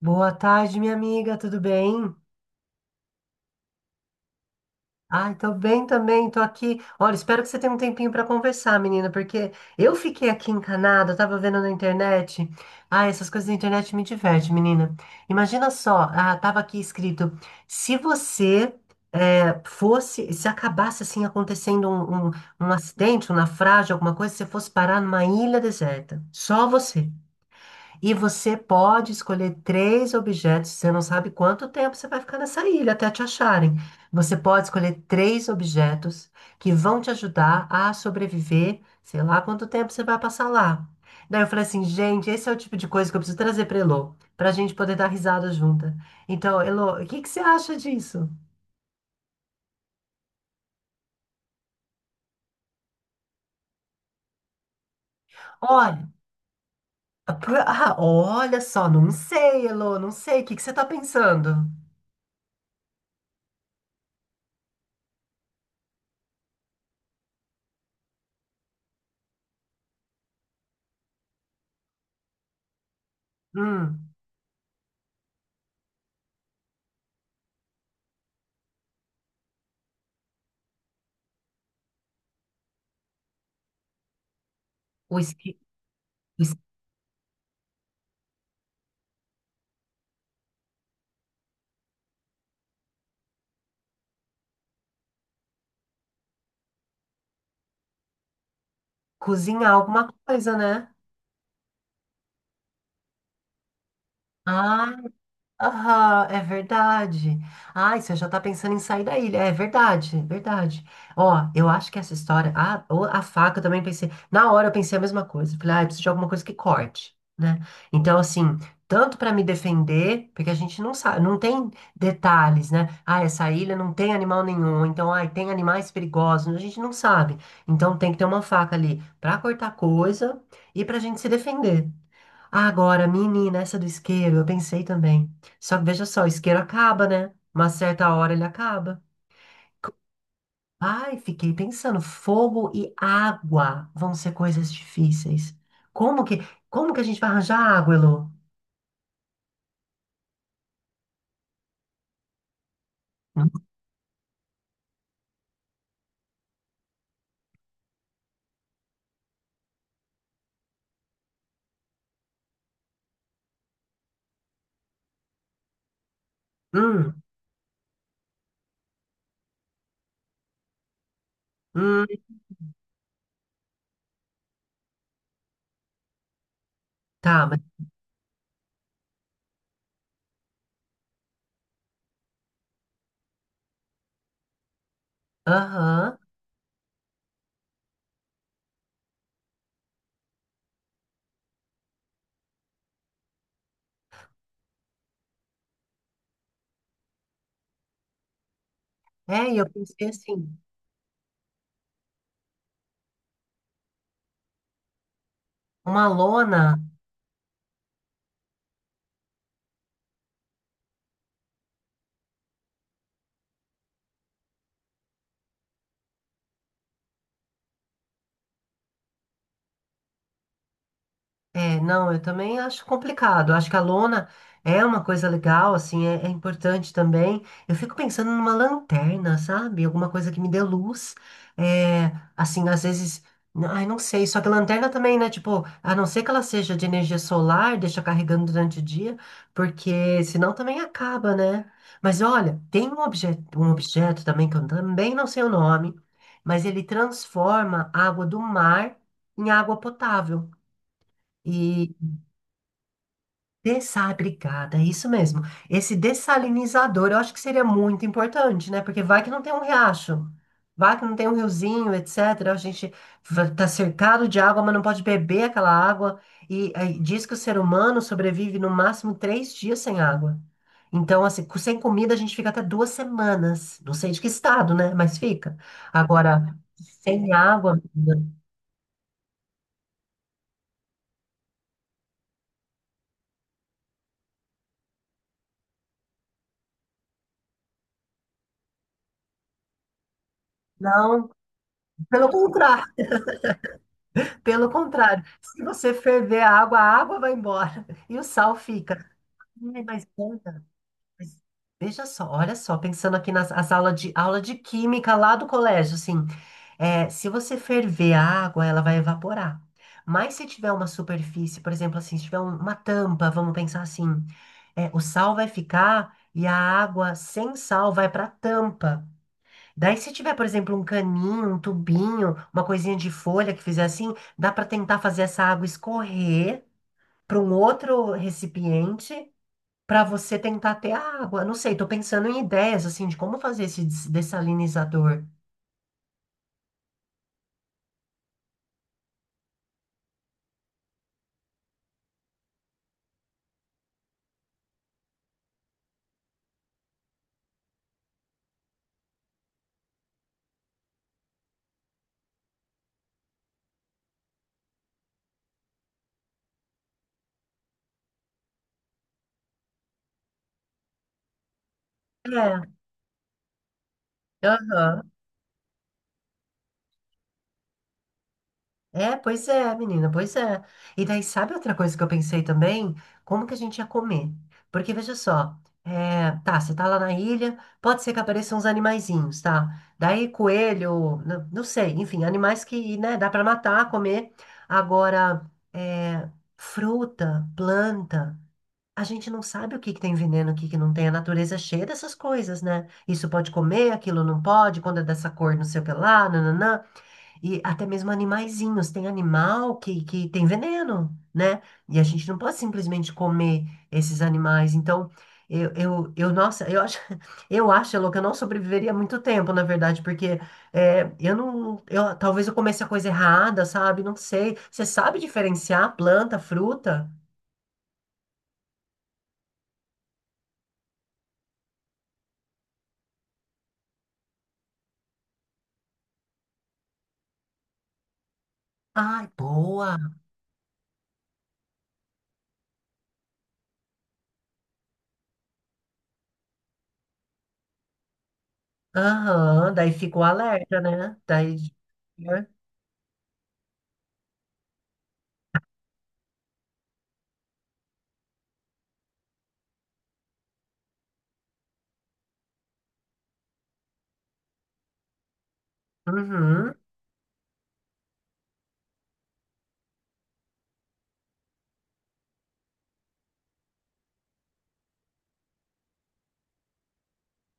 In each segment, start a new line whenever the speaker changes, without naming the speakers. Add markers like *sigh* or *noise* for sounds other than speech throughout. Boa tarde, minha amiga, tudo bem? Ai, tô bem também, tô aqui. Olha, espero que você tenha um tempinho pra conversar, menina, porque eu fiquei aqui encanada, eu tava vendo na internet. Ai, essas coisas da internet me divertem, menina. Imagina só, tava aqui escrito: se você fosse, se acabasse assim acontecendo um acidente, um naufrágio, alguma coisa, você fosse parar numa ilha deserta, só você. E você pode escolher 3 objetos. Você não sabe quanto tempo você vai ficar nessa ilha até te acharem. Você pode escolher três objetos que vão te ajudar a sobreviver, sei lá quanto tempo você vai passar lá. Daí eu falei assim, gente, esse é o tipo de coisa que eu preciso trazer para Elô, para a gente poder dar risada junta. Então, Elô, o que que você acha disso? Olha, olha só, não sei, Elô, não sei. O que que você está pensando? Hum, o esqui- o es- cozinhar alguma coisa, né? Ah, aham, é verdade. Ai, você já tá pensando em sair da ilha. É verdade, é verdade. Ó, eu acho que essa história. A faca eu também pensei. Na hora eu pensei a mesma coisa. Falei, ah, eu preciso de alguma coisa que corte, né? Então, assim, tanto pra me defender, porque a gente não sabe, não tem detalhes, né? Ah, essa ilha não tem animal nenhum. Então, ai, tem animais perigosos. A gente não sabe. Então, tem que ter uma faca ali pra cortar coisa e pra gente se defender. Ah, agora, menina, essa do isqueiro, eu pensei também. Só que veja só, o isqueiro acaba, né? Uma certa hora ele acaba. Ai, fiquei pensando, fogo e água vão ser coisas difíceis. Como que, como que a gente vai arranjar água, Elô? Hum, hum, tá, mas, aham. É, e eu pensei assim, uma lona. É, não, eu também acho complicado. Acho que a lona é uma coisa legal, assim, é, é importante também. Eu fico pensando numa lanterna, sabe? Alguma coisa que me dê luz. É, assim, às vezes, não sei. Só que lanterna também, né? Tipo, a não ser que ela seja de energia solar, deixa carregando durante o dia, porque senão também acaba, né? Mas olha, tem um objeto também que eu também não sei o nome, mas ele transforma a água do mar em água potável. e Dessá, obrigada, é isso mesmo. Esse dessalinizador eu acho que seria muito importante, né? Porque vai que não tem um riacho, vai que não tem um riozinho, etc. A gente tá cercado de água, mas não pode beber aquela água. E aí, diz que o ser humano sobrevive no máximo 3 dias sem água. Então, assim, sem comida a gente fica até 2 semanas. Não sei de que estado, né? Mas fica. Agora, sem água, menina, não. Pelo contrário. Pelo contrário, se você ferver a água vai embora *laughs* e o sal fica. Ai, mas, Ana, mas veja só, olha só, pensando aqui nas as aulas de, aula de química lá do colégio, assim, é, se você ferver a água, ela vai evaporar. Mas se tiver uma superfície, por exemplo, assim, se tiver uma tampa, vamos pensar assim, é, o sal vai ficar e a água sem sal vai para a tampa. Daí, se tiver, por exemplo, um caninho, um tubinho, uma coisinha de folha que fizer assim, dá para tentar fazer essa água escorrer para um outro recipiente para você tentar ter a água. Não sei, tô pensando em ideias assim de como fazer dessalinizador. É, aham. É, pois é, menina, pois é. E daí, sabe outra coisa que eu pensei também? Como que a gente ia comer? Porque veja só, é, tá, você tá lá na ilha, pode ser que apareçam uns animaizinhos, tá? Daí, coelho, não, sei, enfim, animais que, né, dá pra matar, comer. Agora, é, fruta, planta, a gente não sabe o que que tem veneno, o que que não tem. A natureza é cheia dessas coisas, né? Isso pode comer, aquilo não pode, quando é dessa cor, não sei o que lá, nananã. E até mesmo animaizinhos. Tem que tem veneno, né? E a gente não pode simplesmente comer esses animais. Então, eu nossa, eu acho, *laughs* eu acho, Elô, que eu não sobreviveria muito tempo, na verdade, porque é, eu não, eu, talvez eu comesse a coisa errada, sabe? Não sei. Você sabe diferenciar planta, fruta? Ai, boa. Aham, daí fica o alerta, né? Daí. Né? Uhum.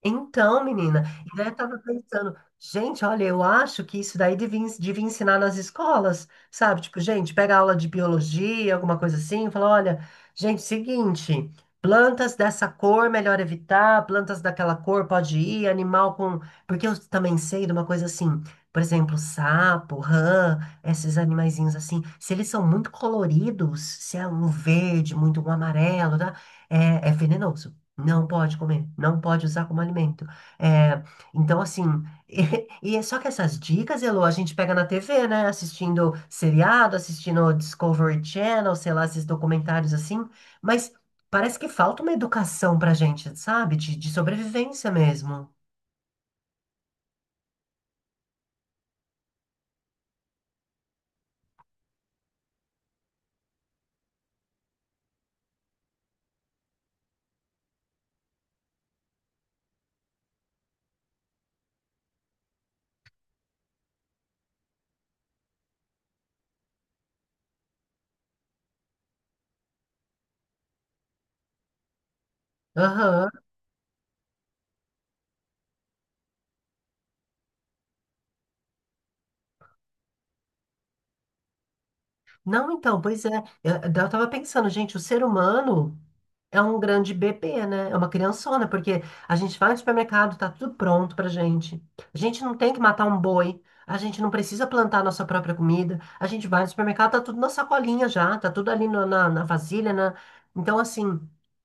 Então, menina, e daí eu tava pensando, gente, olha, eu acho que isso daí devia ensinar nas escolas, sabe? Tipo, gente, pega aula de biologia, alguma coisa assim, e fala, olha, gente, seguinte, plantas dessa cor melhor evitar, plantas daquela cor pode ir, animal com... Porque eu também sei de uma coisa assim, por exemplo, sapo, rã, esses animaizinhos assim, se eles são muito coloridos, se é um verde, muito um amarelo, tá? É, é venenoso. Não pode comer, não pode usar como alimento. É, então, assim, *laughs* é só que essas dicas, Elô, a gente pega na TV, né? Assistindo seriado, assistindo Discovery Channel, sei lá, esses documentários assim, mas parece que falta uma educação pra gente, sabe? De sobrevivência mesmo. Não, então, pois é. Eu tava pensando, gente, o ser humano é um grande bebê, né? É uma criançona, porque a gente vai no supermercado, tá tudo pronto pra gente. A gente não tem que matar um boi, a gente não precisa plantar nossa própria comida. A gente vai no supermercado, tá tudo na sacolinha já, tá tudo ali na vasilha, né? Então, assim,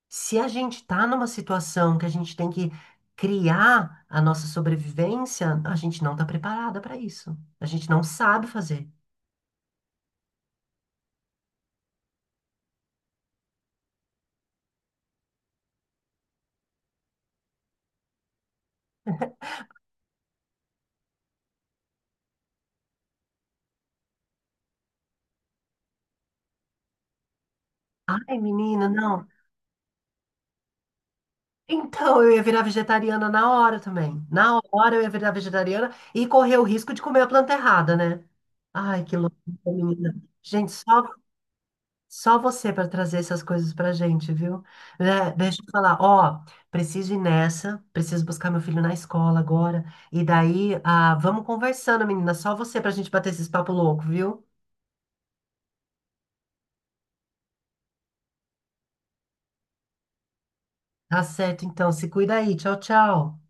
se a gente tá numa situação que a gente tem que criar a nossa sobrevivência, a gente não tá preparada pra isso. A gente não sabe fazer. Ai, menina, não. Então, eu ia virar vegetariana na hora também. Na hora eu ia virar vegetariana e correr o risco de comer a planta errada, né? Ai, que loucura, menina. Gente, só, só você para trazer essas coisas pra gente, viu? Né? Deixa eu falar, ó, preciso ir nessa, preciso buscar meu filho na escola agora. E daí, ah, vamos conversando, menina. Só você pra gente bater esses papo louco, viu? Tá certo, então. Se cuida aí. Tchau, tchau.